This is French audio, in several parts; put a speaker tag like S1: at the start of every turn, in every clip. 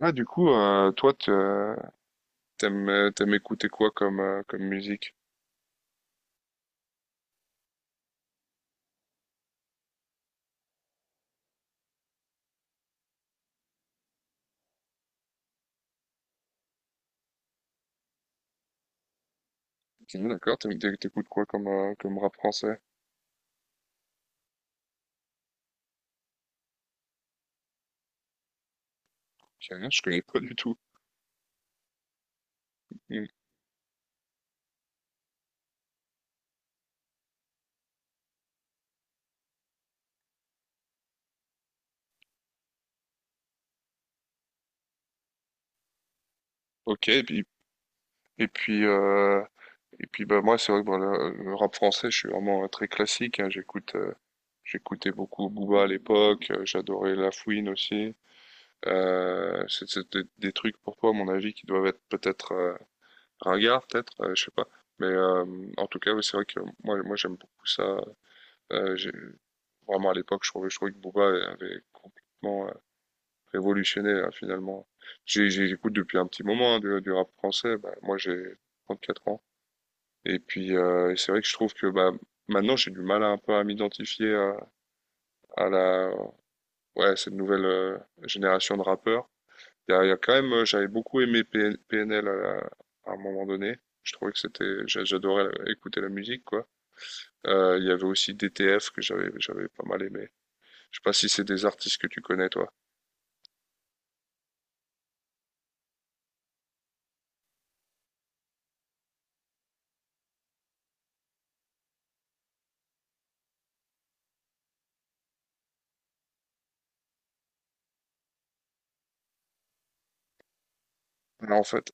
S1: Ah, toi, t'aimes écouter quoi comme, comme musique? Ok, d'accord, t'écoutes quoi comme, comme rap français? Je connais pas du tout. Hmm. Ok, et puis, euh, et puis bah, moi, c'est vrai que bah, le rap français, je suis vraiment très classique, hein. J'écoutais beaucoup Booba à l'époque, j'adorais La Fouine aussi. C'est des trucs, pour toi, à mon avis, qui doivent être peut-être ringards, peut-être, je sais pas. Mais euh, En tout cas, ouais, c'est vrai que moi j'aime beaucoup ça. Euh, j'ai- Vraiment, à l'époque, je trouvais que Booba avait complètement révolutionné, hein, finalement. J'écoute depuis un petit moment hein, du rap français. Bah, moi, j'ai 34 ans. Et puis, c'est vrai que je trouve que bah, maintenant, j'ai du mal à, un peu à m'identifier à la, ouais, cette nouvelle génération de rappeurs. Il y a quand même, j'avais beaucoup aimé PN PNL à un moment donné. Je trouvais que c'était, j'a- J'adorais écouter la musique, quoi. Il y avait aussi DTF que j'avais pas mal aimé. Je sais pas si c'est des artistes que tu connais, toi. Ouais, en fait,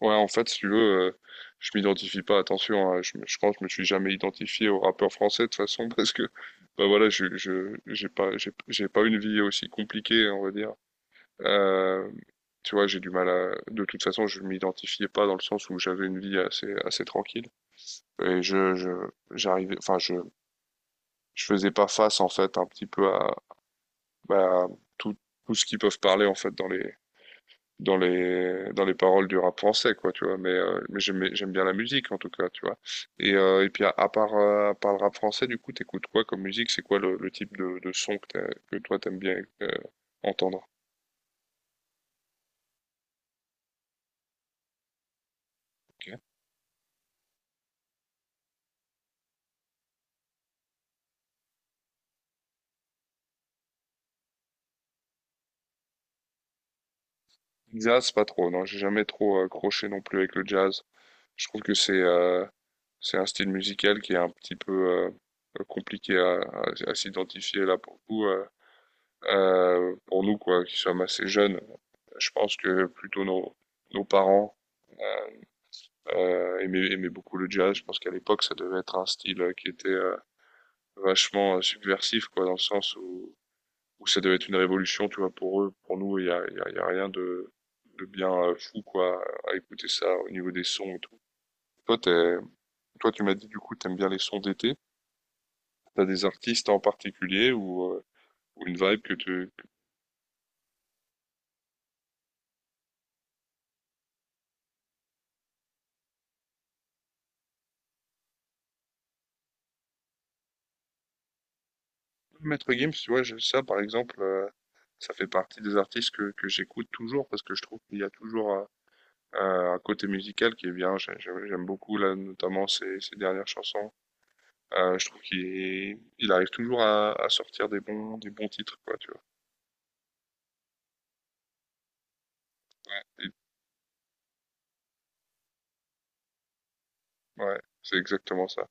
S1: ouais, en fait, si tu veux, je m'identifie pas, attention, hein, je pense que je me suis jamais identifié aux rappeurs français de toute façon, parce que, bah voilà, j'ai pas, j'ai pas une vie aussi compliquée, on va dire. Euh, tu vois, j'ai du mal à... De toute façon, je m'identifiais pas dans le sens où j'avais une vie assez tranquille. Et je, j'arrivais, enfin, je faisais pas face, en fait, un petit peu à, bah, à tout, tout ce qu'ils peuvent parler, en fait, dans les paroles du rap français, quoi, tu vois. Mais j'aime bien la musique, en tout cas, tu vois. Et puis, à part le rap français, du coup, t'écoutes quoi comme musique? C'est quoi le type de son que, que toi, t'aimes bien entendre? Jazz, pas trop, non, j'ai jamais trop accroché non plus avec le jazz. Je trouve que c'est un style musical qui est un petit peu compliqué à s'identifier là pour nous quoi, qui sommes assez jeunes. Je pense que plutôt nos parents aimaient beaucoup le jazz. Je pense qu'à l'époque, ça devait être un style qui était vachement subversif, quoi, dans le sens où, où ça devait être une révolution, tu vois, pour eux, pour nous, il y a rien de, de bien fou, quoi, à écouter ça au niveau des sons et tout. Toi, t'es- Toi, tu m'as dit du coup, t'aimes bien les sons d'été. T'as des artistes en particulier ou une vibe que tu... Maître Gims, tu vois, ça par exemple, ça fait partie des artistes que j'écoute toujours parce que je trouve qu'il y a toujours un, un côté musical qui est bien. J'aime beaucoup là, notamment ses, ses dernières chansons. Je trouve qu'il arrive toujours à sortir des bons titres, quoi, tu vois. Ouais, Et- ouais, c'est exactement ça.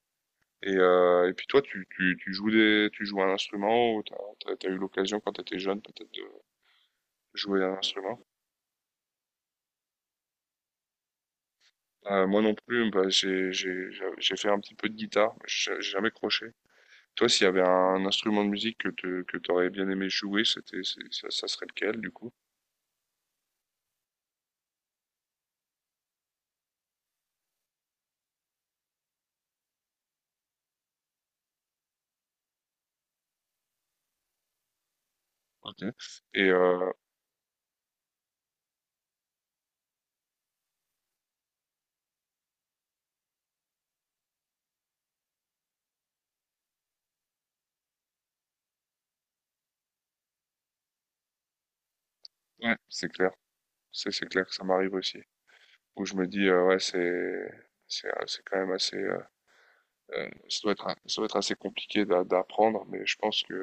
S1: Et puis toi, tu joues des, tu joues un instrument ou t'as, as eu l'occasion quand t'étais jeune peut-être de jouer un instrument. Moi non plus, bah, j'ai fait un petit peu de guitare, mais j'ai jamais croché. Toi, s'il y avait un instrument de musique que te, que t'aurais bien aimé jouer, ça serait lequel du coup? Ok. Et ouais, c'est clair, c'est clair que ça m'arrive aussi. Où je me dis ouais, c'est quand même assez, ça doit être assez compliqué d'apprendre, mais je pense que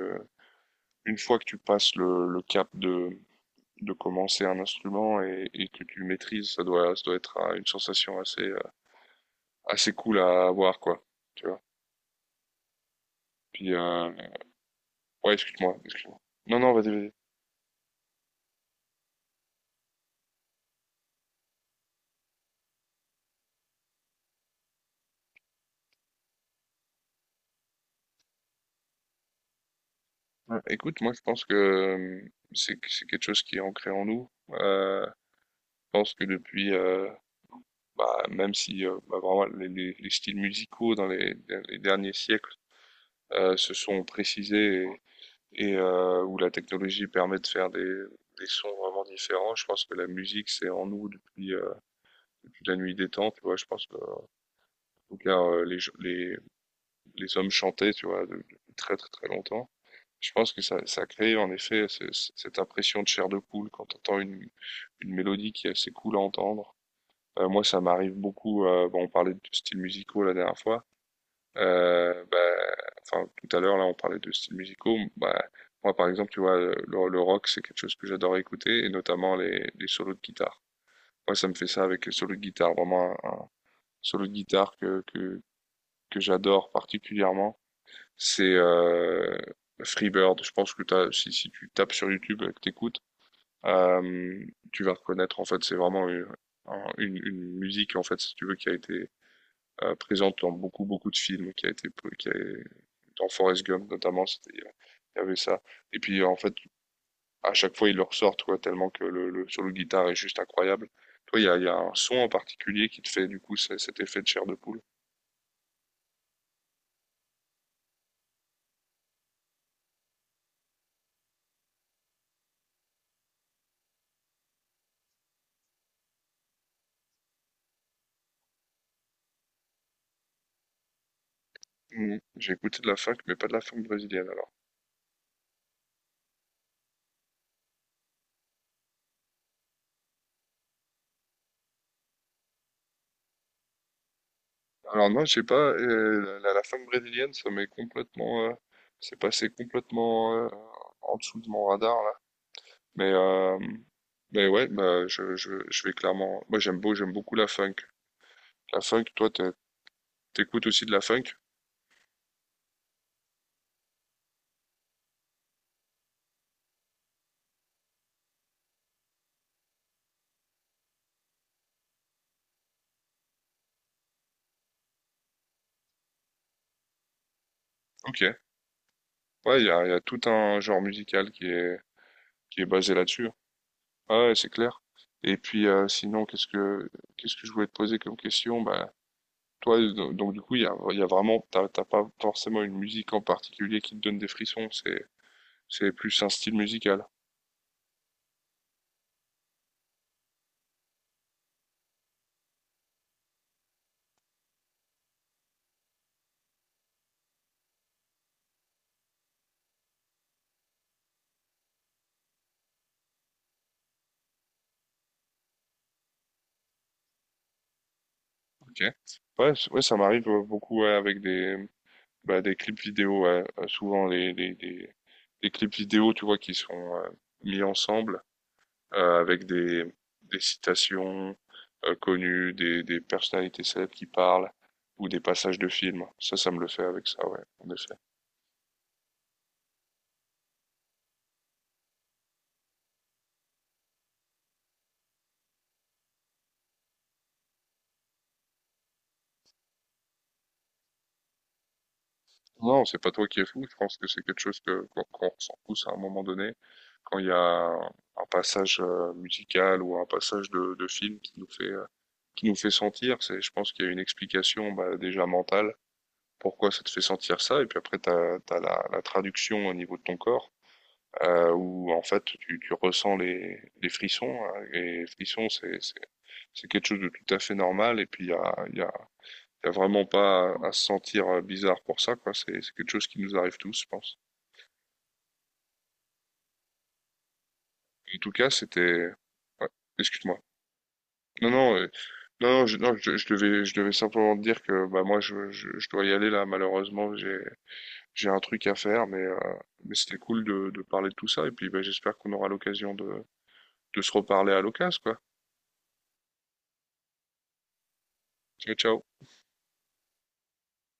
S1: une fois que tu passes le cap de commencer un instrument et que tu le maîtrises, ça doit être une sensation assez, assez cool à avoir, quoi. Tu vois. Puis, ouais, excuse-moi. Non, non, vas-y. Ouais. Écoute, moi, je pense que c'est quelque chose qui est ancré en nous. Je pense que depuis, bah, même si bah, vraiment les, les styles musicaux dans les derniers siècles se sont précisés et où la technologie permet de faire des sons vraiment différents. Je pense que la musique, c'est en nous depuis, depuis la nuit des temps, tu vois. Je pense que, en tout cas, les hommes chantaient, tu vois, depuis très, très, très longtemps. Je pense que ça crée en effet cette impression de chair de poule quand tu entends une mélodie qui est assez cool à entendre. Moi, ça m'arrive beaucoup, bon, on parlait de styles musicaux la dernière fois, euh, bah, enfin, tout à l'heure, là, on parlait de styles musicaux. Bah, moi, par exemple, tu vois, le rock, c'est quelque chose que j'adore écouter, et notamment les solos de guitare. Moi, ça me fait ça avec les solos de guitare. Vraiment, un solo de guitare que j'adore particulièrement, c'est Freebird. Je pense que t'as, si, si tu tapes sur YouTube et que t'écoutes, euh, tu vas reconnaître, en fait, c'est vraiment une, une musique, en fait, si tu veux, qui a été présente dans beaucoup, beaucoup de films, qui a été, qui a- dans Forrest Gump notamment, il y avait ça. Et puis, en fait, à chaque fois, ils le ressortent, quoi, tellement que le solo de guitare est juste incroyable. Toi, il y a un son en particulier qui te fait, du coup, cet effet de chair de poule. Mhm. J'ai écouté de la funk, mais pas de la funk brésilienne, alors. Alors, non, je sais pas, la funk brésilienne, ça m'est complètement, c'est passé complètement, en dessous de mon radar, là. Mais, euh, mais ouais, bah, je vais clairement. Moi, j'aime beaucoup la funk. La funk, t'écoutes aussi de la funk? Ok. Ouais, il y a tout un genre musical qui est basé là-dessus. Ah ouais, c'est clair. Et puis, sinon, qu'est-ce que je voulais te poser comme question? Bah, toi, du coup, il y a vraiment, t'as pas forcément une musique en particulier qui te donne des frissons. C'est plus un style musical. Ok. Ouais, ça m'arrive beaucoup ouais, avec des, bah, des clips vidéo, ouais. Souvent les clips vidéo, tu vois, qui sont mis ensemble avec des citations connues, des personnalités célèbres qui parlent ou des passages de films. Ça me le fait avec ça, ouais, en effet. Non, c'est pas toi qui es fou. Je pense que c'est quelque chose que qu'on ressent tous à un moment donné quand il y a un passage musical ou un passage de film qui nous fait sentir. C'est, je pense qu'il y a une explication bah, déjà mentale pourquoi ça te fait sentir ça, et puis après, t'as la, la, traduction au niveau de ton corps, où en fait, tu ressens les frissons, hein, et les frissons, c'est quelque chose de tout à fait normal, et puis il y a, y, a, y a, vraiment pas à, à, se sentir bizarre pour ça, quoi. C'est quelque chose qui nous arrive tous, je pense. En tout cas, c'était... Ouais, excuse-moi. Non, non, non, non, je devais simplement te dire que bah, moi, je dois y aller là, malheureusement, j'ai un truc à faire, mais c'était cool de parler de tout ça. Et puis, bah, j'espère qu'on aura l'occasion de se reparler à l'occasion, quoi. Ciao, ciao.